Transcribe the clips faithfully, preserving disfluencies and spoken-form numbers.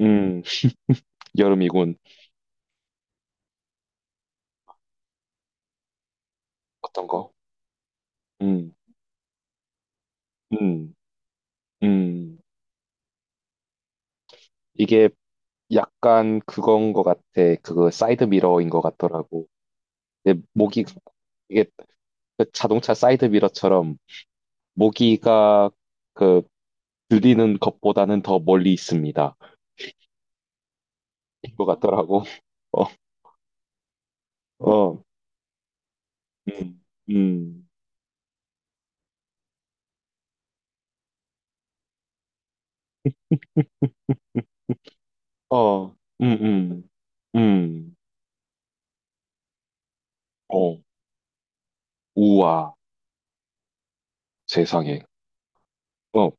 음, 여름이군. 어떤 거? 음, 음, 음. 이게 약간 그건 거 같아. 그거 사이드 미러인 거 같더라고. 내 모기, 이게 그 자동차 사이드 미러처럼 모기가 그 들리는 것보다는 더 멀리 있습니다. 인거 같더라고. 어, 어, 음, 음, 어, 음, 음, 음, 어, 우와, 세상에. 어,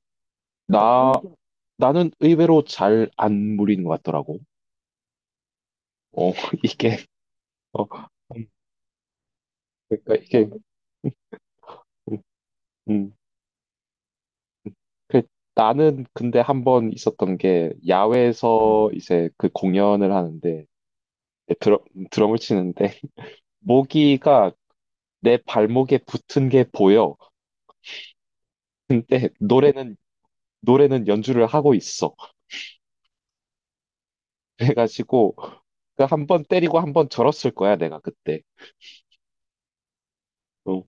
나, 나는 의외로 잘 안 물리는 것 같더라고. 어, 이게, 어, 음, 그러니까 이게, 음, 음. 음. 그 나는 근데 한 번 있었던 게, 야외에서 이제 그 공연을 하는데, 드럼, 드럼을 치는데, 모기가 내 발목에 붙은 게 보여. 근데 노래는, 노래는 연주를 하고 있어. 그래가지고, 그 한 번 때리고 한 번 절었을 거야, 내가 그때. 어.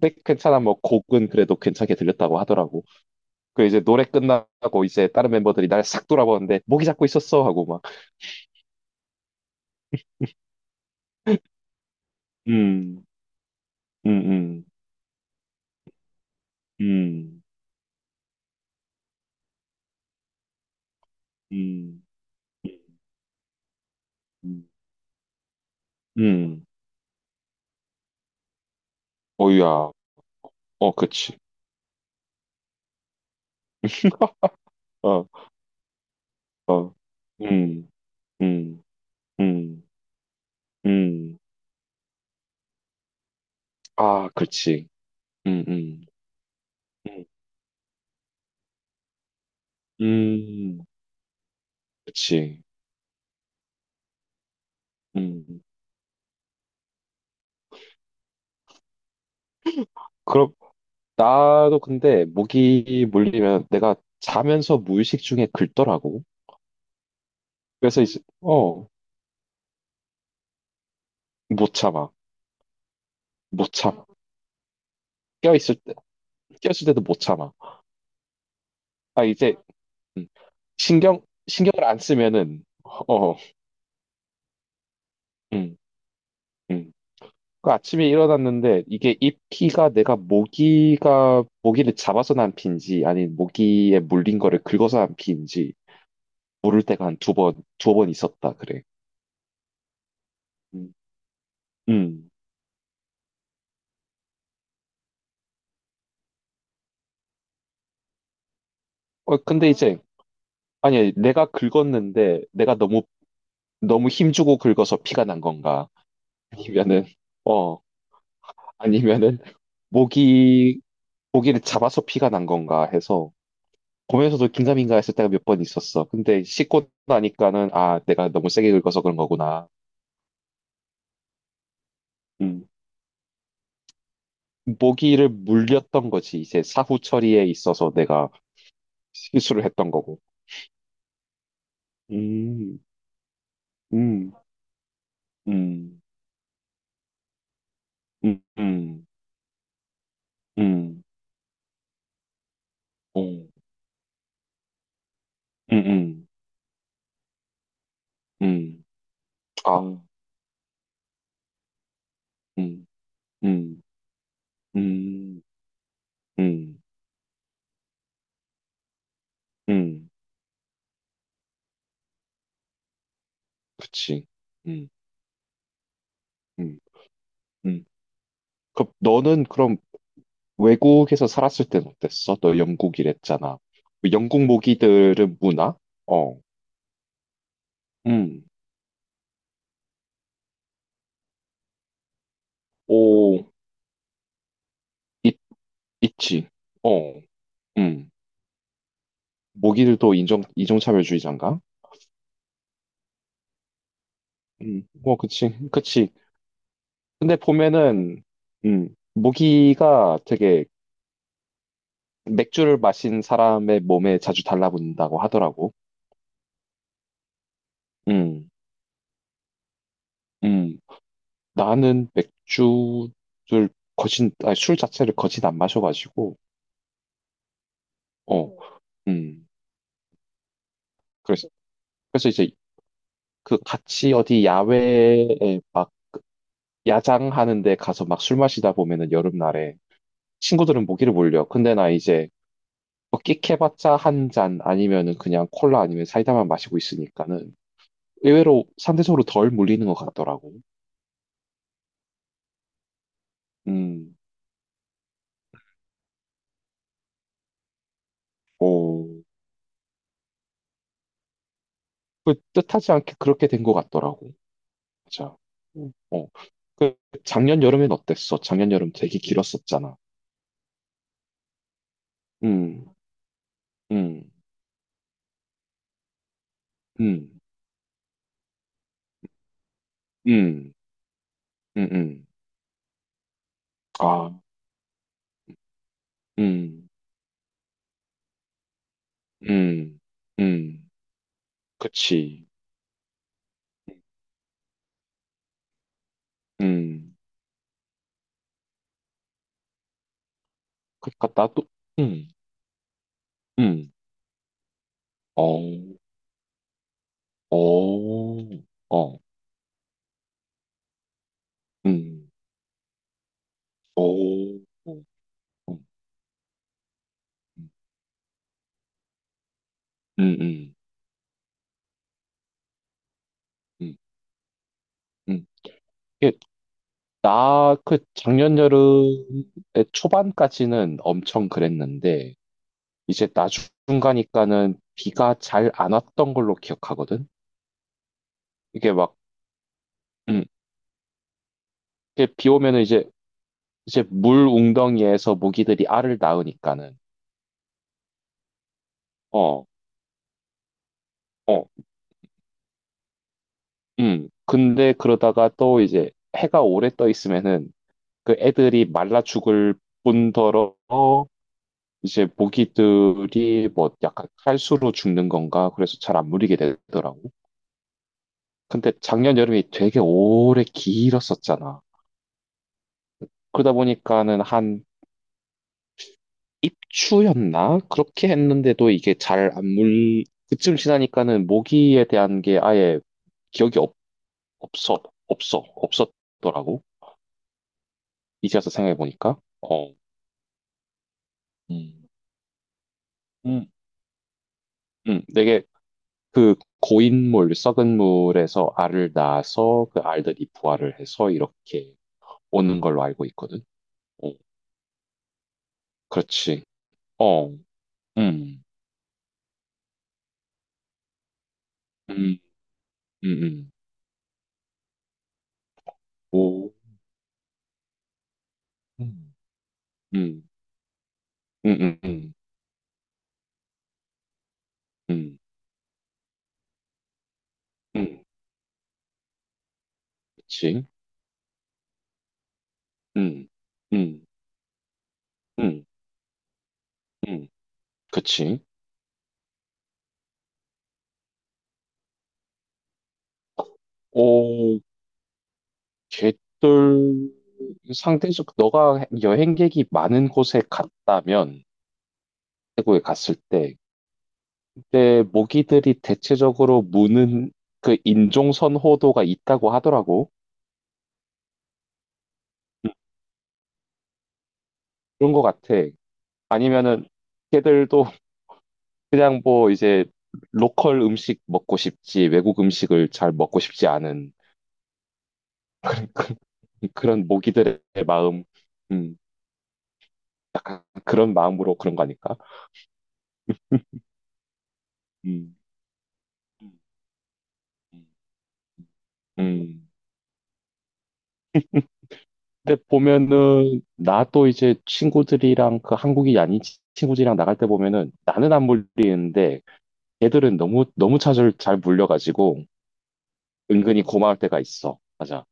근데 괜찮아, 뭐, 곡은 그래도 괜찮게 들렸다고 하더라고. 그 이제 노래 끝나고 이제 다른 멤버들이 날 싹 돌아보는데 모기 잡고 있었어 하고 막 음, 음, 음, 음, 음, 음, 음, 어이야, 어, 그치, 어, 어, 음, 음, 음, 음, 아, 그렇지, 음, 음, 음, 음, 그치, 음, 그럼 나도 근데 모기 물리면 내가 자면서 무의식 중에 긁더라고. 그래서 이제 어, 못 참아, 못 참아. 껴있을 꼈을 때도 못 참아. 아, 이제, 음, 신경, 신경을 안 쓰면은, 어, 음, 음. 그 아침에 일어났는데, 이게 입기가 내가 모기가, 모기를 잡아서 난 피인지, 아니, 모기에 물린 거를 긁어서 난 피인지, 모를 때가 한 두 번, 두 번 있었다, 그래. 음, 음. 어, 근데 이제, 아니, 내가 긁었는데, 내가 너무, 너무 힘주고 긁어서 피가 난 건가? 아니면은, 어, 아니면은, 모기, 모기를 잡아서 피가 난 건가 해서, 보면서도 긴가민가 했을 때가 몇 번 있었어. 근데 씻고 나니까는, 아, 내가 너무 세게 긁어서 그런 거구나. 음, 모기를 물렸던 거지. 이제 사후 처리에 있어서 내가 실수를 했던 거고. 음, 음, 음, 음, 음, 음, 오, 음, 음, 음, 아, 아, 음, 음, 음, 음, 음, 그치. 음, 음. 음. 그럼 너는 그럼 외국에서 살았을 땐 어땠어? 너 영국이랬잖아. 영국 모기들은 문화? 어, 음, 오, 있, 있지. 어, 음, 모기들도 인종, 인종차별주의자인가? 음, 뭐, 그치, 그치. 근데 보면은, 음, 모기가 되게 맥주를 마신 사람의 몸에 자주 달라붙는다고 하더라고. 음, 음, 나는 맥주를 거진, 아니, 술 자체를 거진 안 마셔가지고, 어, 음, 그래서 그래서 이제 그 같이 어디 야외에 막 야장하는데 가서 막 술 마시다 보면은 여름날에 친구들은 모기를 물려. 근데 나 이제 뭐 끽해봤자 한 잔 아니면은 그냥 콜라 아니면 사이다만 마시고 있으니까는 의외로 상대적으로 덜 물리는 것 같더라고. 음, 오, 그 뜻하지 않게 그렇게 된 것 같더라고. 맞아. 음, 어, 그 작년 여름엔 어땠어? 작년 여름 되게 길었었잖아. 음, 음, 음, 음, 음, 음. 아, 음. 음, 음, 그치. 음, 그니까 나도, 음, 음, 어, 어, 어, 음, 어, 음, 음, 음, 음. 음. 이게 나 그 작년 여름의 초반까지는 엄청 그랬는데, 이제 나중 가니까는 비가 잘 안 왔던 걸로 기억하거든? 이게 막, 음, 이게 비 오면은 이제, 이제 물 웅덩이에서 모기들이 알을 낳으니까는, 어, 어. 음. 근데 그러다가 또 이제 해가 오래 떠 있으면은 그 애들이 말라 죽을 뿐더러 이제 모기들이 뭐 약간 칼수로 죽는 건가 그래서 잘 안 물리게 되더라고. 근데 작년 여름이 되게 오래 길었었잖아. 그러다 보니까는 한 입추였나? 그렇게 했는데도 이게 잘 안 물, 그쯤 지나니까는 모기에 대한 게 아예 기억이 없, 없어, 없어, 없었더라고. 이제 와서 생각해보니까. 어. 음. 음, 음, 되게 그 고인물, 썩은 물에서 알을 낳아서 그 알들이 부화를 해서 이렇게 오는 걸로 알고 있거든. 어, 그렇지. 어, 음, 음, 음, 음, 오, 음, 음, 음, 음, 음, 음, 음. 그치. 음, 음, 음, 음, 그치. 오, 걔들 상대적, 너가 여행객이 많은 곳에 갔다면, 태국에 갔을 때, 근데 모기들이 대체적으로 무는 그 인종 선호도가 있다고 하더라고. 음, 그런 것 같아. 아니면은 걔들도 그냥 뭐 이제 로컬 음식 먹고 싶지 외국 음식을 잘 먹고 싶지 않은 그런 모기들의 마음, 음, 그런 마음으로 그런 거 아닐까? 음, 음. 근데 보면은 나도 이제 친구들이랑 그 한국이 아닌 치- 친구들이랑 나갈 때 보면은 나는 안 물리는데 걔들은 너무 너무 잘, 잘 물려가지고 은근히 고마울 때가 있어. 맞아.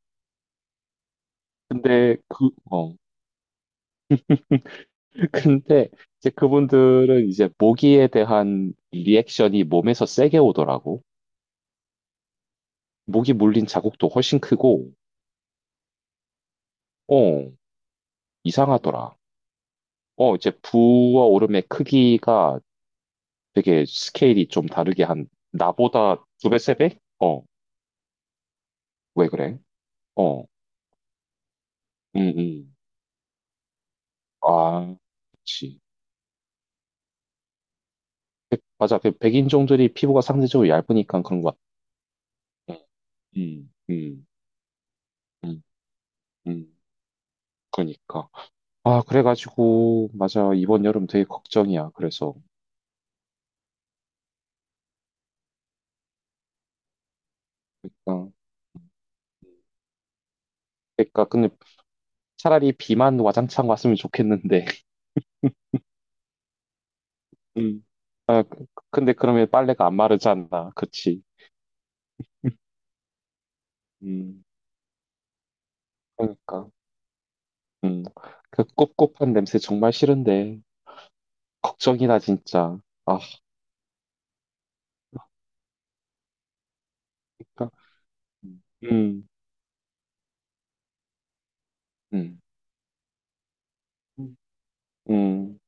근데 그, 어. 근데 이제 그분들은 이제 모기에 대한 리액션이 몸에서 세게 오더라고. 모기 물린 자국도 훨씬 크고, 어, 이상하더라. 어, 이제 부어오름의 크기가 되게 스케일이 좀 다르게 한, 나보다 두 배, 세 배? 어, 왜 그래? 어, 음, 음. 아, 그치. 맞아. 그 백인종들이 피부가 상대적으로 얇으니까 그런 것 같아. 음, 음, 음, 음, 그니까. 아, 그래가지고, 맞아. 이번 여름 되게 걱정이야. 그래서. 그니까, 그니까, 근데 차라리 비만 와장창 왔으면 좋겠는데. 음. 아, 그- 그, 근데 그러면 빨래가 안 마르잖아. 그치? 음, 그니까. 음, 그 꿉꿉한 냄새 정말 싫은데. 걱정이다, 진짜. 아, 그니까. 음, 음, 음, 음,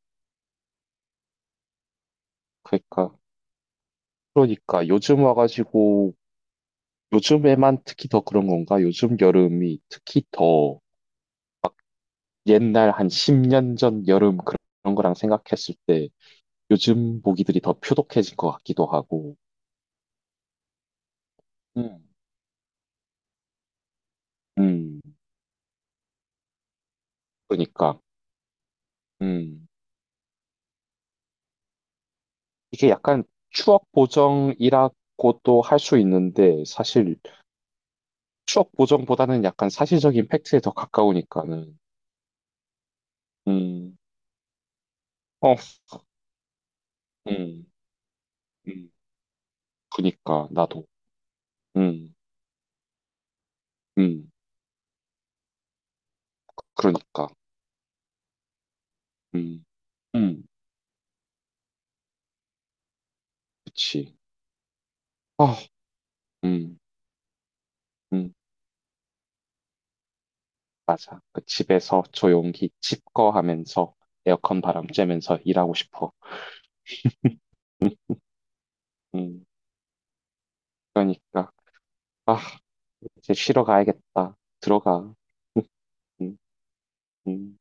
그니까. 그러니까 요즘 와가지고 요즘에만 특히 더 그런 건가? 요즘 여름이 특히 더 옛날 한 십 년 전 여름 그런 거랑 생각했을 때 요즘 모기들이 더 표독해진 것 같기도 하고. 음. 음, 그러니까. 음, 이게 약간 추억 보정이라고도 할 수 있는데 사실 추억 보정보다는 약간 사실적인 팩트에 더 가까우니까는. 음, 어, 음, 음, 그러니까 나도. 음, 음, 그러니까. 음, 음, 그치. 아, 음, 음, 맞아. 그 집에서 조용히 집거 하면서 에어컨 바람 쬐면서 일하고 싶어. 음, 그러니까, 아, 이제 쉬러 가야겠다. 들어가. 음, 음.